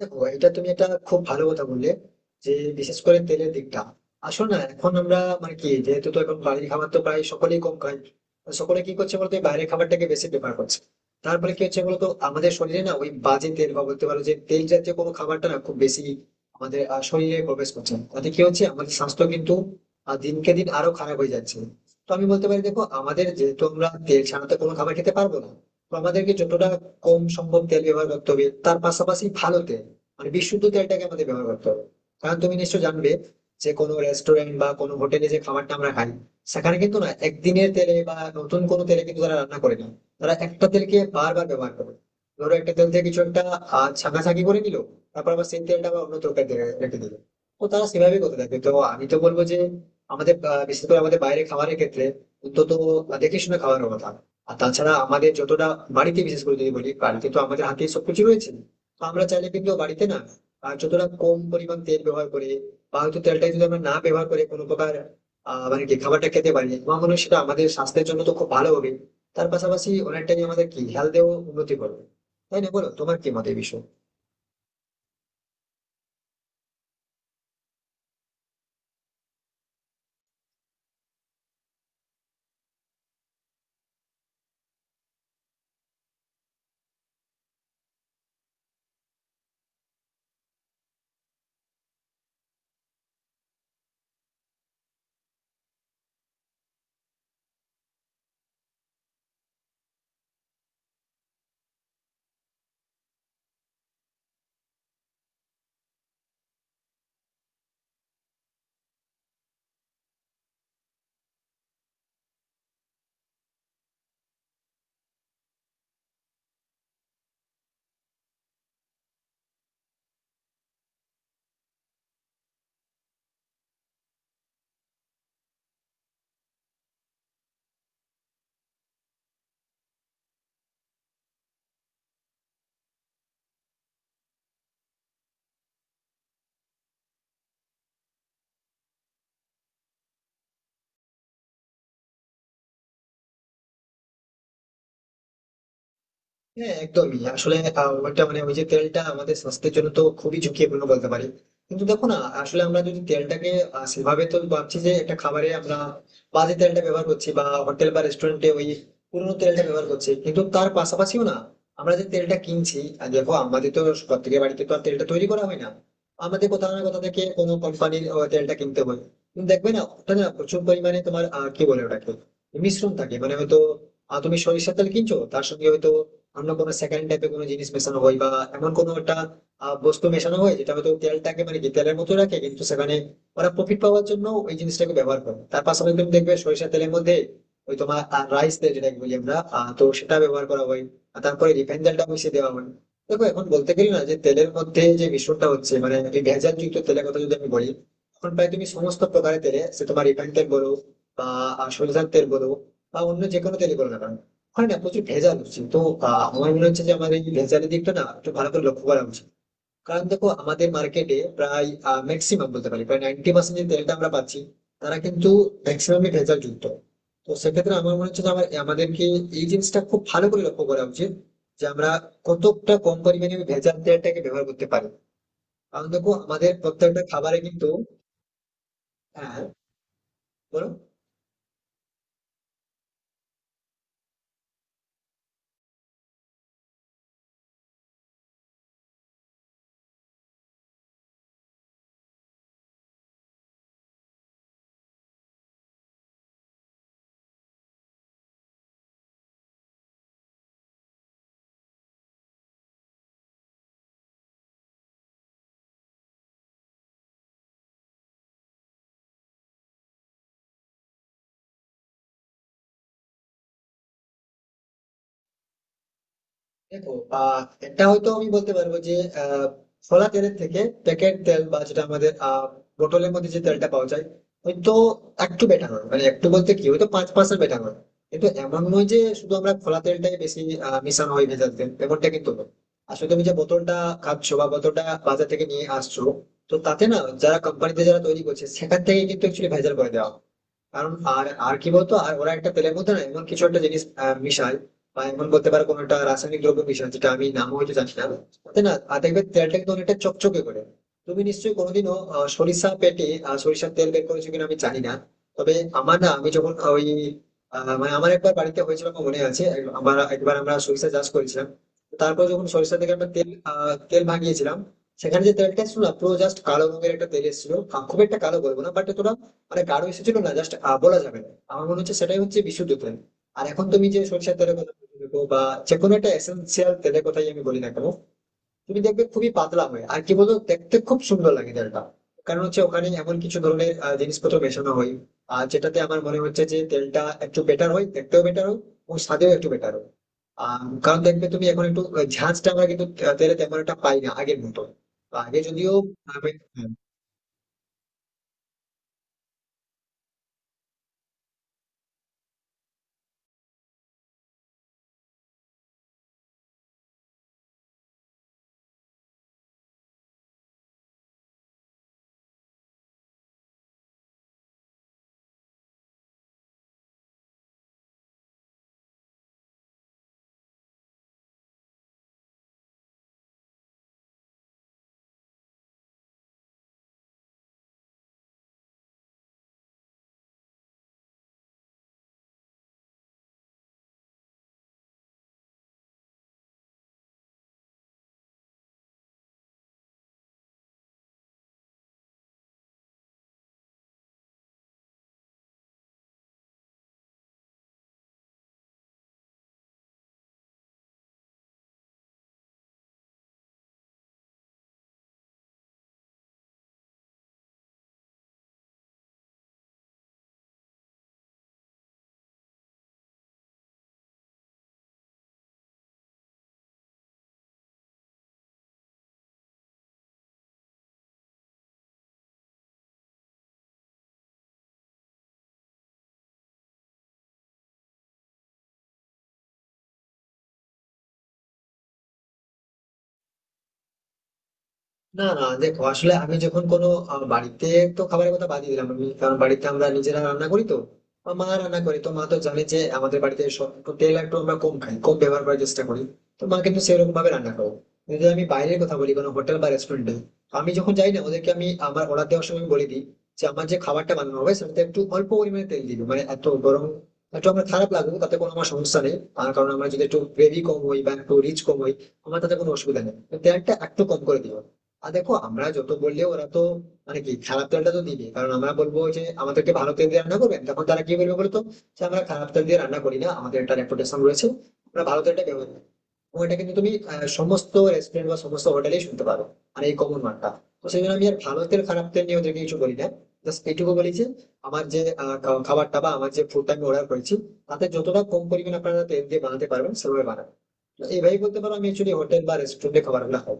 দেখো, এটা তুমি একটা খুব ভালো কথা বললে যে বিশেষ করে তেলের দিকটা আসলে না এখন আমরা মানে কি যেহেতু তো এখন বাড়ির খাবার তো প্রায় সকলেই কম খায়। তো সকলে কি করছে বলতো, এই বাইরের খাবারটাকে বেশি প্রেফার করছে। তারপরে কি হচ্ছে বলতো, আমাদের শরীরে না ওই বাজে তেল বা বলতে পারো যে তেল জাতীয় কোনো খাবারটা না খুব বেশি আমাদের শরীরে প্রবেশ করছে, তাতে কি হচ্ছে আমাদের স্বাস্থ্য কিন্তু দিনকে দিন আরো খারাপ হয়ে যাচ্ছে। তো আমি বলতে পারি, দেখো আমাদের যেহেতু আমরা তেল ছাড়া তো কোনো খাবার খেতে পারবো না, তো আমাদেরকে যতটা কম সম্ভব তেল ব্যবহার করতে হবে, তার পাশাপাশি ভালো তেল মানে বিশুদ্ধ তেলটাকে আমাদের ব্যবহার করতে হবে। কারণ তুমি নিশ্চয় জানবে যে কোনো রেস্টুরেন্ট বা কোনো হোটেলে যে খাবারটা আমরা খাই, সেখানে কিন্তু না একদিনের তেলে বা নতুন কোনো তেলে কিন্তু তারা রান্না করে না। তারা একটা তেলকে বারবার ব্যবহার করে। ধরো একটা তেল থেকে কিছু একটা ছাঁকাছাঁকি করে নিল, তারপর আবার সেই তেলটা আবার অন্য তরকারি রেখে দিল। তো তারা সেভাবেই করতে থাকে। তো আমি তো বলবো যে আমাদের বিশেষ করে আমাদের বাইরে খাবারের ক্ষেত্রে অন্তত দেখে শুনে খাওয়ার কথা। আর তাছাড়া আমাদের যতটা বাড়িতে, বিশেষ করে যদি বলি বাড়িতে তো আমাদের হাতে সবকিছু রয়েছে, তো আমরা চাইলে কিন্তু বাড়িতে না আর যতটা কম পরিমাণ তেল ব্যবহার করে বা হয়তো তেলটা যদি আমরা না ব্যবহার করে কোনো প্রকার আহ মানে কি খাবারটা খেতে পারি, আমার মনে হয় সেটা আমাদের স্বাস্থ্যের জন্য তো খুব ভালো হবে। তার পাশাপাশি অনেকটাই আমাদের কি হেলথেও উন্নতি করবে। তাই না, বলো তোমার কি মত এই বিষয়ে। হ্যাঁ, একদমই। আসলে ওইটা মানে ওই যে তেলটা আমাদের স্বাস্থ্যের জন্য তো খুবই ঝুঁকিপূর্ণ বলতে পারি। কিন্তু দেখো না, আসলে আমরা যদি তেলটাকে সেভাবে তো ভাবছি যে একটা খাবারে আমরা বাজে তেলটা ব্যবহার করছি বা হোটেল বা রেস্টুরেন্টে ওই পুরোনো তেলটা ব্যবহার করছি, কিন্তু তার পাশাপাশিও না আমরা যে তেলটা কিনছি, আর দেখো আমাদের তো প্রত্যেকের বাড়িতে তো আর তেলটা তৈরি করা হয় না, আমাদের কোথাও না কোথাও থেকে কোনো কোম্পানির তেলটা কিনতে হয়। কিন্তু দেখবে না ওটা না প্রচুর পরিমাণে তোমার কি বলে ওটাকে, মিশ্রণ থাকে। মানে হয়তো তুমি সরিষার তেল কিনছো, তার সঙ্গে হয়তো অন্য কোনো সেকেন্ড টাইপের কোনো জিনিস মেশানো হয় বা এমন কোনো একটা বস্তু মেশানো হয় যেটা হয়তো তেলটাকে মানে কি তেলের মতো রাখে, কিন্তু সেখানে ওরা প্রফিট পাওয়ার জন্য ওই জিনিসটাকে ব্যবহার করে। তার পাশাপাশি তুমি দেখবে সরিষা তেলের মধ্যে ওই তোমার রাইস তেল যেটাকে বলি আমরা, তো সেটা ব্যবহার করা হয়, আর তারপরে রিফাইন তেলটা মিশিয়ে দেওয়া হয়। দেখো এখন বলতে গেলে না যে তেলের মধ্যে যে মিশ্রণটা হচ্ছে, মানে এই ভেজাল যুক্ত তেলের কথা যদি আমি বলি, এখন প্রায় তুমি সমস্ত প্রকারের তেলে, সে তোমার রিফাইন তেল বলো বা সরিষার তেল বলো বা অন্য যে কোনো তেলই বলো না কেন, ওখানে না প্রচুর ভেজাল হচ্ছে। তো আমার মনে হচ্ছে যে আমাদের এই ভেজালের দিকটা না একটু ভালো করে লক্ষ্য করা উচিত। কারণ দেখো আমাদের মার্কেটে প্রায় ম্যাক্সিমাম বলতে পারি প্রায় 90% যে তেলটা আমরা পাচ্ছি, তারা কিন্তু ম্যাক্সিমামই ভেজাল যুক্ত। তো সেক্ষেত্রে আমার মনে হচ্ছে যে আমাদেরকে এই জিনিসটা খুব ভালো করে লক্ষ্য করা উচিত যে আমরা কতটা কম পরিমাণে ওই ভেজাল তেলটাকে ব্যবহার করতে পারি। কারণ দেখো আমাদের প্রত্যেকটা খাবারে কিন্তু হ্যাঁ, বলো। দেখো, আহ এটা হয়তো আমি বলতে পারবো যে আহ ফলা তেলের থেকে প্যাকেট তেল বা যেটা আমাদের বোতলের মধ্যে যে তেলটা পাওয়া যায়, হয়তো একটু বেটার হয়। মানে একটু বলতে কি, হয়তো 5% বেটার হয়। কিন্তু এমন নয় যে শুধু আমরা ফলা তেলটাই বেশি মিশানো হয় ভেজাল তেল, এমনটা কিন্তু নয়। আসলে তুমি যে বোতলটা খাচ্ছো বা বোতলটা বাজার থেকে নিয়ে আসছো, তো তাতে না যারা কোম্পানিতে যারা তৈরি করছে সেখান থেকে কিন্তু একচুয়ালি ভেজাল করে দেওয়া হয়। কারণ আর আর কি বলতো, আর ওরা একটা তেলের মধ্যে না এমন কিছু একটা জিনিস মিশায় বা এমন বলতে পারো কোনো একটা রাসায়নিক দ্রব্য মিশায় যেটা আমি নামও হয়তো জানি না। তাই না? আর দেখবে তেলটা কিন্তু অনেকটা চকচকে করে। তুমি নিশ্চয়ই কোনোদিনও সরিষার তেল বের করেছো কিনা আমি জানি না। তবে আমার না, আমি যখন ওই মানে আমার একবার বাড়িতে হয়েছিল, আমার মনে আছে, আমার একবার আমরা সরিষা চাষ করেছিলাম। তারপর যখন সরিষা থেকে আমরা তেল ভাঙিয়েছিলাম, সেখানে যে তেলটা ছিল না, পুরো জাস্ট কালো রঙের একটা তেল এসেছিল। খুব একটা কালো বলবো না, বাট এতটা মানে গাঢ় এসেছিল না। জাস্ট বলা যাবে না, আমার মনে হচ্ছে সেটাই হচ্ছে বিশুদ্ধ তেল। আর এখন তুমি যে সরিষার তেলের কথা বলছো বা যে কোনো একটা এসেন্সিয়াল তেলের কথাই আমি বলি না কেন, তুমি দেখবে খুবই পাতলা হয়। আর কি বলতো, দেখতে খুব সুন্দর লাগে তেলটা। কারণ হচ্ছে ওখানে এমন কিছু ধরনের জিনিসপত্র মেশানো হয়, আর যেটাতে আমার মনে হচ্ছে যে তেলটা একটু বেটার হয়, দেখতেও বেটার হয়, ও স্বাদেও একটু বেটার হয়। কারণ দেখবে তুমি এখন একটু ঝাঁঝটা আমরা কিন্তু তেলে তেমন একটা পাই না আগের মতো। আগে যদিও হ্যাঁ। না না, দেখো আসলে আমি যখন কোনো বাড়িতে তো খাবারের কথা বাদ দিলাম আমি, কারণ বাড়িতে আমরা নিজেরা রান্না করি, তো আমার মা রান্না করে, তো মা তো জানে যে আমাদের বাড়িতে সব একটু তেল একটু আমরা কম খাই, কম ব্যবহার করার চেষ্টা করি, তো মা কিন্তু সেরকম ভাবে রান্না করো। যদি আমি বাইরের কথা বলি, কোনো হোটেল বা রেস্টুরেন্টে আমি যখন যাই না, ওদেরকে আমি আমার অর্ডার দেওয়ার সময় আমি বলে দিই যে আমার যে খাবারটা বানানো হবে সেটাতে একটু অল্প পরিমাণে তেল দিবে, মানে এত গরম একটু আমার খারাপ লাগবে, তাতে কোনো আমার সমস্যা নেই। আর কারণ আমার যদি একটু গ্রেভি কম হয় বা একটু রিচ কম হয়, আমার তাতে কোনো অসুবিধা নেই, তেলটা একটু কম করে দিও। আর দেখো আমরা যত বললেও ওরা তো মানে কি খারাপ তেলটা তো দিবে। কারণ আমরা বলবো যে আমাদেরকে ভালো তেল দিয়ে রান্না করবেন, তখন তারা কি বলবে বলতো, যে আমরা খারাপ তেল দিয়ে রান্না করি না, আমাদের একটা রেপুটেশন রয়েছে, আমরা ভালো তেলটা ব্যবহার করি। এবং এটা কিন্তু তুমি সমস্ত রেস্টুরেন্ট বা সমস্ত হোটেলেই শুনতে পারো। আর এই কমন মানটা, তো সেই জন্য আমি আর ভালো তেল খারাপ তেল নিয়ে ওদেরকে কিছু বলি না। জাস্ট এইটুকু বলি যে আমার যে খাবারটা বা আমার যে ফুডটা আমি অর্ডার করেছি, তাতে যতটা কম পরিমাণ আপনারা তেল দিয়ে বানাতে পারবেন সেভাবে বানাবেন। তো এইভাবেই বলতে পারো আমি অ্যাকচুয়ালি হোটেল বা রেস্টুরেন্টে খাবারগুলো খাই।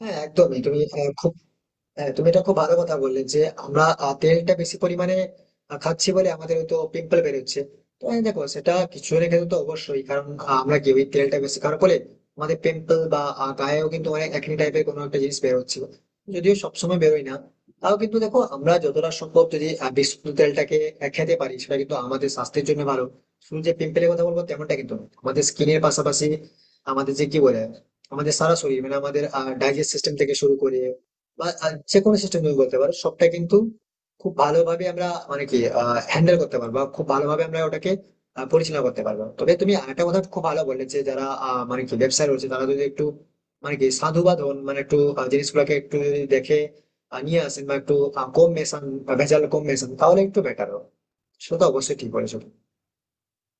হ্যাঁ, একদমই তুমি আহ, খুব হ্যাঁ, তুমি এটা খুব ভালো কথা বললে যে আমরা তেলটা বেশি পরিমাণে খাচ্ছি বলে আমাদের হয়তো পিম্পল বেরোচ্ছে। তো হ্যাঁ, দেখো সেটা কিছু জনের ক্ষেত্রে তো অবশ্যই। কারণ আমরা কি ওই তেলটা বেশি খাওয়ার ফলে আমাদের পিম্পল বা গায়েও কিন্তু অনেক একনি টাইপের কোনো একটা জিনিস বেরোচ্ছে। যদিও সবসময় বেরোয় না, তাও কিন্তু দেখো আমরা যতটা সম্ভব যদি বিশুদ্ধ তেলটাকে খেতে পারি, সেটা কিন্তু আমাদের স্বাস্থ্যের জন্য ভালো। শুধু যে পিম্পলের কথা বলবো তেমনটা কিন্তু নয়। আমাদের স্কিনের পাশাপাশি আমাদের যে কি বলে, আমাদের সারা শরীর, মানে আমাদের ডাইজেস্ট সিস্টেম থেকে শুরু করে বা যে কোনো সিস্টেম তুমি বলতে পারো। সবটা কিন্তু খুব ভালোভাবে আমরা মানে কি আ হ্যান্ডেল করতে পারবো। বা খুব ভালোভাবে আমরা ওটাকে পরিচালনা করতে পারবো। তবে তুমি আরেকটা কথা খুব ভালো বললে যে যারা মানে কি ব্যবসায় রয়েছে, তারা যদি একটু মানে কি সাধুবাদ হন, মানে একটু জিনিসগুলোকে একটু যদি দেখে নিয়ে আসেন বা একটু কম মেশান বা ভেজাল কম মেশান, তাহলে একটু বেটার হবে। সেটা তো অবশ্যই ঠিক বলেছো।